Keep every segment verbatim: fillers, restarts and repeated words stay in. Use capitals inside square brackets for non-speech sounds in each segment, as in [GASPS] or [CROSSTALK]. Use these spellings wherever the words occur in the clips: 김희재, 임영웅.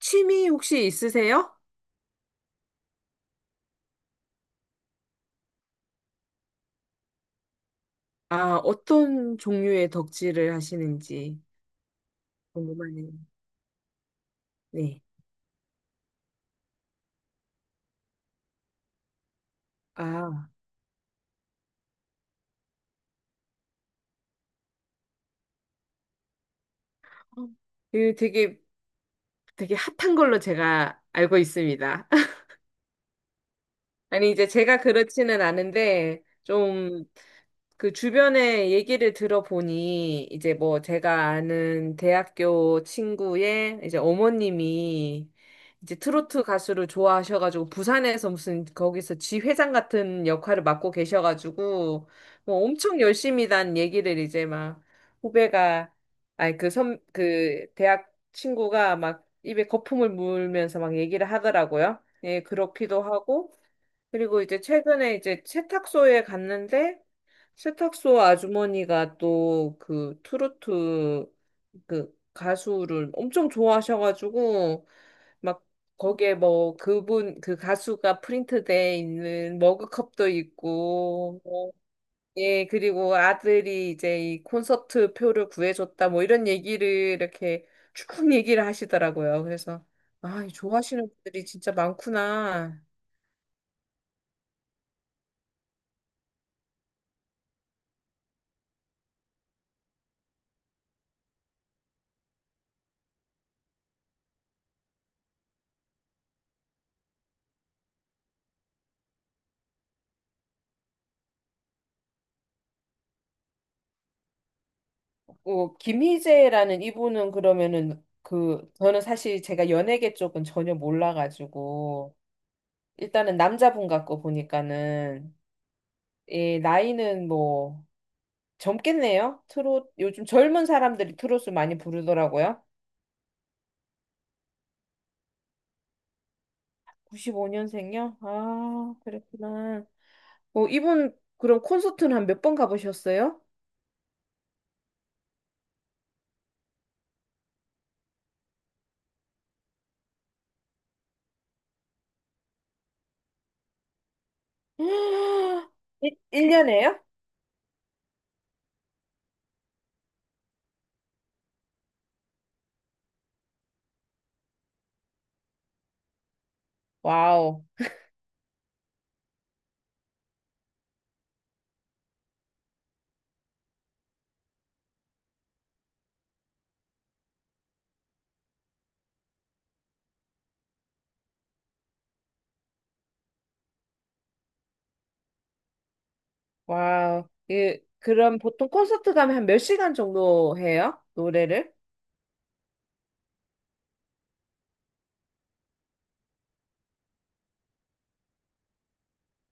취미 혹시 있으세요? 아, 어떤 종류의 덕질을 하시는지 궁금하네요. 네. 아, 그 되게 되게 핫한 걸로 제가 알고 있습니다. [LAUGHS] 아니, 이제 제가 그렇지는 않은데 좀 그 주변에 얘기를 들어보니 이제 뭐 제가 아는 대학교 친구의 이제 어머님이 이제 트로트 가수를 좋아하셔가지고 부산에서 무슨 거기서 지회장 같은 역할을 맡고 계셔가지고 뭐 엄청 열심히 단 얘기를 이제 막 후배가 아니 그 선, 그 대학 친구가 막 입에 거품을 물면서 막 얘기를 하더라고요. 예, 그렇기도 하고, 그리고 이제 최근에 이제 세탁소에 갔는데 세탁소 아주머니가 또 그 트로트 그 가수를 엄청 좋아하셔가지고 막 거기에 뭐 그분 그 가수가 프린트돼 있는 머그컵도 있고 뭐, 예, 그리고 아들이 이제 이 콘서트 표를 구해줬다 뭐 이런 얘기를 이렇게 쭉 얘기를 하시더라고요. 그래서 아, 좋아하시는 분들이 진짜 많구나. 어, 김희재라는 이분은 그러면은 그 저는 사실 제가 연예계 쪽은 전혀 몰라가지고 일단은 남자분 같고 보니까는 예, 나이는 뭐 젊겠네요. 트롯 요즘 젊은 사람들이 트롯을 많이 부르더라고요. 구십오 년생요? 아, 그랬구나. 어, 이분 그럼 콘서트는 한 몇 번 가보셨어요? [GASPS] 일, 일년에요? 와우. 와우. 예, 그럼 보통 콘서트 가면 한 몇 시간 정도 해요? 노래를?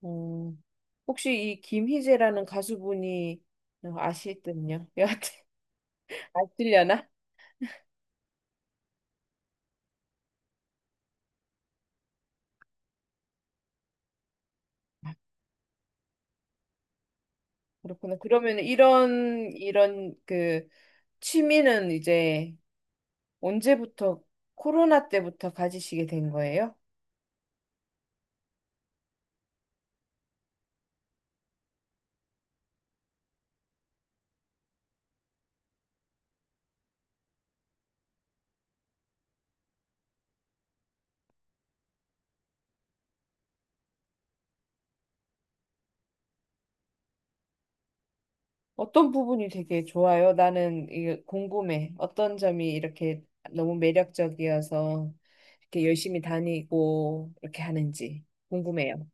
음, 혹시 이 김희재라는 가수분이 아시군요. 여하튼 [LAUGHS] 아시려나? 그렇구나. 그러면 이런 이런 그 취미는 이제 언제부터 코로나 때부터 가지시게 된 거예요? 어떤 부분이 되게 좋아요? 나는 이게 궁금해. 어떤 점이 이렇게 너무 매력적이어서 이렇게 열심히 다니고 이렇게 하는지 궁금해요.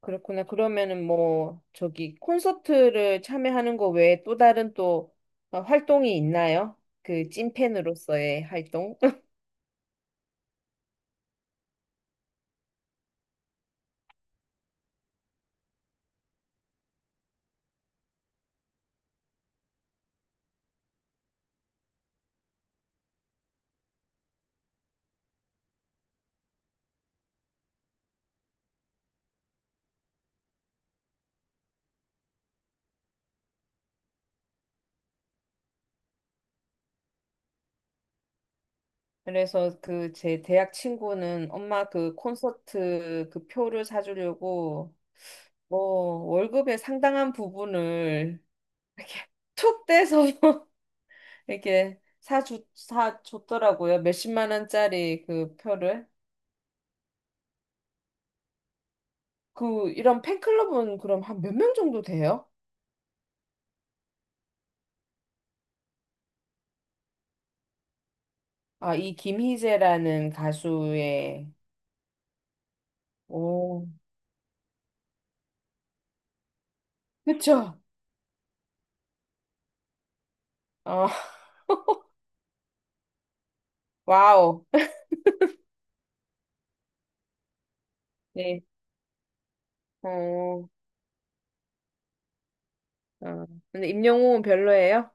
그렇구나. 그러면은 뭐 저기 콘서트를 참여하는 거 외에 또 다른 또 어, 활동이 있나요? 그 찐팬으로서의 활동? [LAUGHS] 그래서 그 제 대학 친구는 엄마 그 콘서트 그 표를 사주려고 뭐 월급의 상당한 부분을 이렇게 툭 떼서 [LAUGHS] 이렇게 사주 사줬더라고요. 몇십만 원짜리 그 표를. 그 이런 팬클럽은 그럼 한 몇 명 정도 돼요? 아, 이 김희재라는 가수의. 오, 그쵸? 어, [LAUGHS] 와우. 네. 어, 어. 근데 임영웅은 별로예요?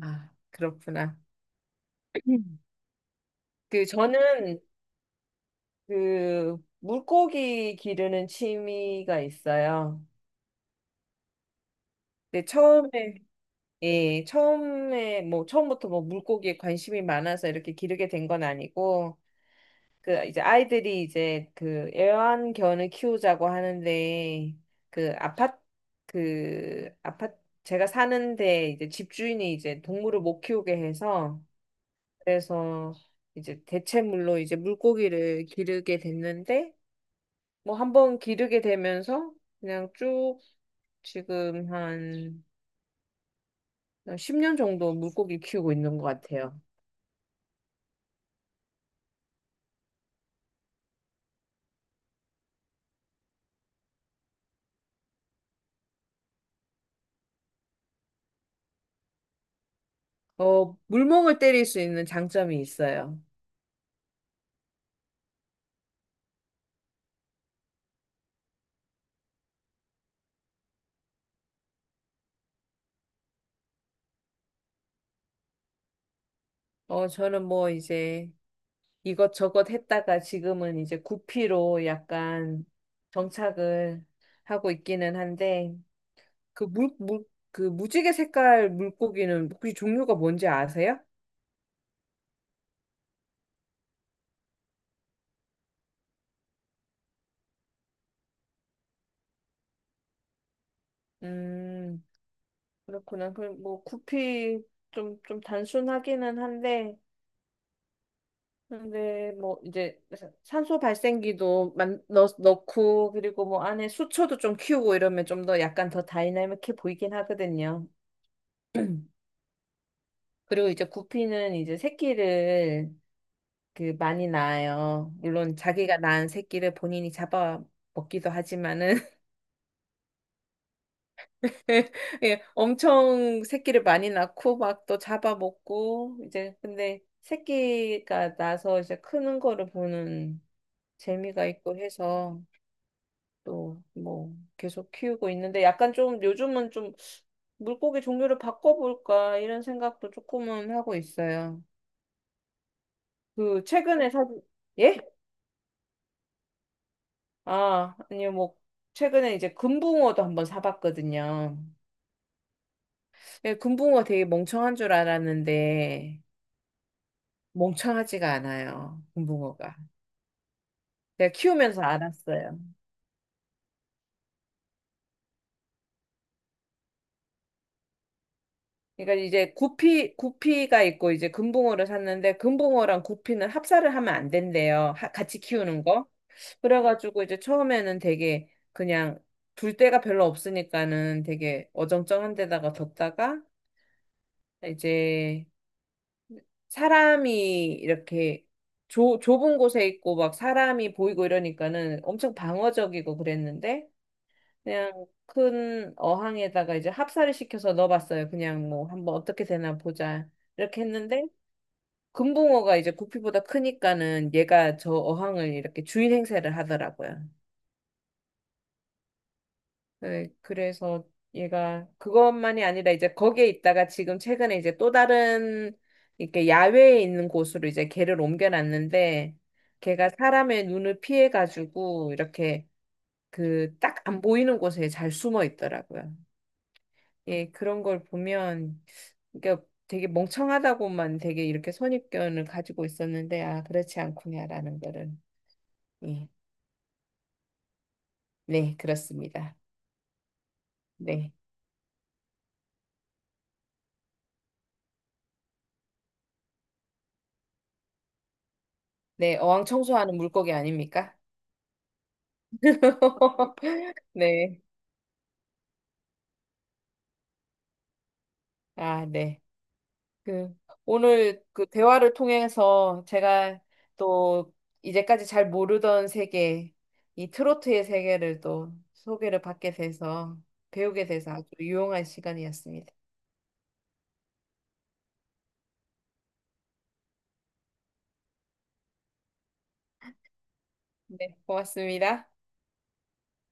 아, 그렇구나. [CLEARS THROAT] 음. 그 저는 그 물고기 기르는 취미가 있어요. 근데 처음에, 예, 처음에 뭐 처음부터 뭐 물고기에 관심이 많아서 이렇게 기르게 된 건 아니고 그 이제 아이들이 이제 그 애완견을 키우자고 하는데 그 아파트 그 아파트 제가 사는데 이제 집주인이 이제 동물을 못 키우게 해서. 그래서 이제 대체물로 이제 물고기를 기르게 됐는데 뭐 한번 기르게 되면서 그냥 쭉 지금 한 십 년 정도 물고기 키우고 있는 것 같아요. 어, 물멍을 때릴 수 있는 장점이 있어요. 어, 저는 뭐 이제 이것저것 했다가 지금은 이제 구피로 약간 정착을 하고 있기는 한데, 그 물, 물, 그 무지개 색깔 물고기는 혹시 종류가 뭔지 아세요? 음, 그렇구나. 그럼 뭐 구피 좀, 좀 단순하기는 한데, 근데 뭐 이제 산소 발생기도 만, 넣, 넣고 그리고 뭐 안에 수초도 좀 키우고 이러면 좀 더 약간 더 다이나믹해 보이긴 하거든요. 그리고 이제 구피는 이제 새끼를 그 많이 낳아요. 물론 자기가 낳은 새끼를 본인이 잡아 먹기도 하지만은 [LAUGHS] 예, 엄청 새끼를 많이 낳고 막 또 잡아 먹고 이제, 근데 새끼가 나서 이제 크는 거를 보는 재미가 있고 해서 또 뭐 계속 키우고 있는데 약간 좀 요즘은 좀 물고기 종류를 바꿔볼까 이런 생각도 조금은 하고 있어요. 그 최근에 사 예? 아, 아니요 뭐. 최근에 이제 금붕어도 한번 사봤거든요. 예, 금붕어 되게 멍청한 줄 알았는데 멍청하지가 않아요. 금붕어가. 제가 키우면서 알았어요. 그러니까 이제 구피 구피가 있고 이제 금붕어를 샀는데 금붕어랑 구피는 합사를 하면 안 된대요. 하- 같이 키우는 거. 그래가지고 이제 처음에는 되게 그냥 둘 데가 별로 없으니까는 되게 어정쩡한 데다가 뒀다가 이제 사람이 이렇게 좁 좁은 곳에 있고 막 사람이 보이고 이러니까는 엄청 방어적이고 그랬는데 그냥 큰 어항에다가 이제 합사를 시켜서 넣어봤어요. 그냥 뭐 한번 어떻게 되나 보자 이렇게 했는데 금붕어가 이제 부피보다 크니까는 얘가 저 어항을 이렇게 주인 행세를 하더라고요. 네, 그래서 얘가 그것만이 아니라 이제 거기에 있다가 지금 최근에 이제 또 다른 이렇게 야외에 있는 곳으로 이제 걔를 옮겨놨는데 걔가 사람의 눈을 피해가지고 이렇게 그 딱 안 보이는 곳에 잘 숨어 있더라고요. 예, 그런 걸 보면 그러니까 되게 멍청하다고만 되게 이렇게 선입견을 가지고 있었는데 아, 그렇지 않구냐라는 거를. 예. 네, 그렇습니다. 네. 네, 어항 청소하는 물고기 아닙니까? [LAUGHS] 네. 아, 네. 그, 오늘 그 대화를 통해서 제가 또 이제까지 잘 모르던 세계, 이 트로트의 세계를 또 소개를 받게 돼서, 배우게 돼서 아주 유용한 시간이었습니다. 네, 고맙습니다.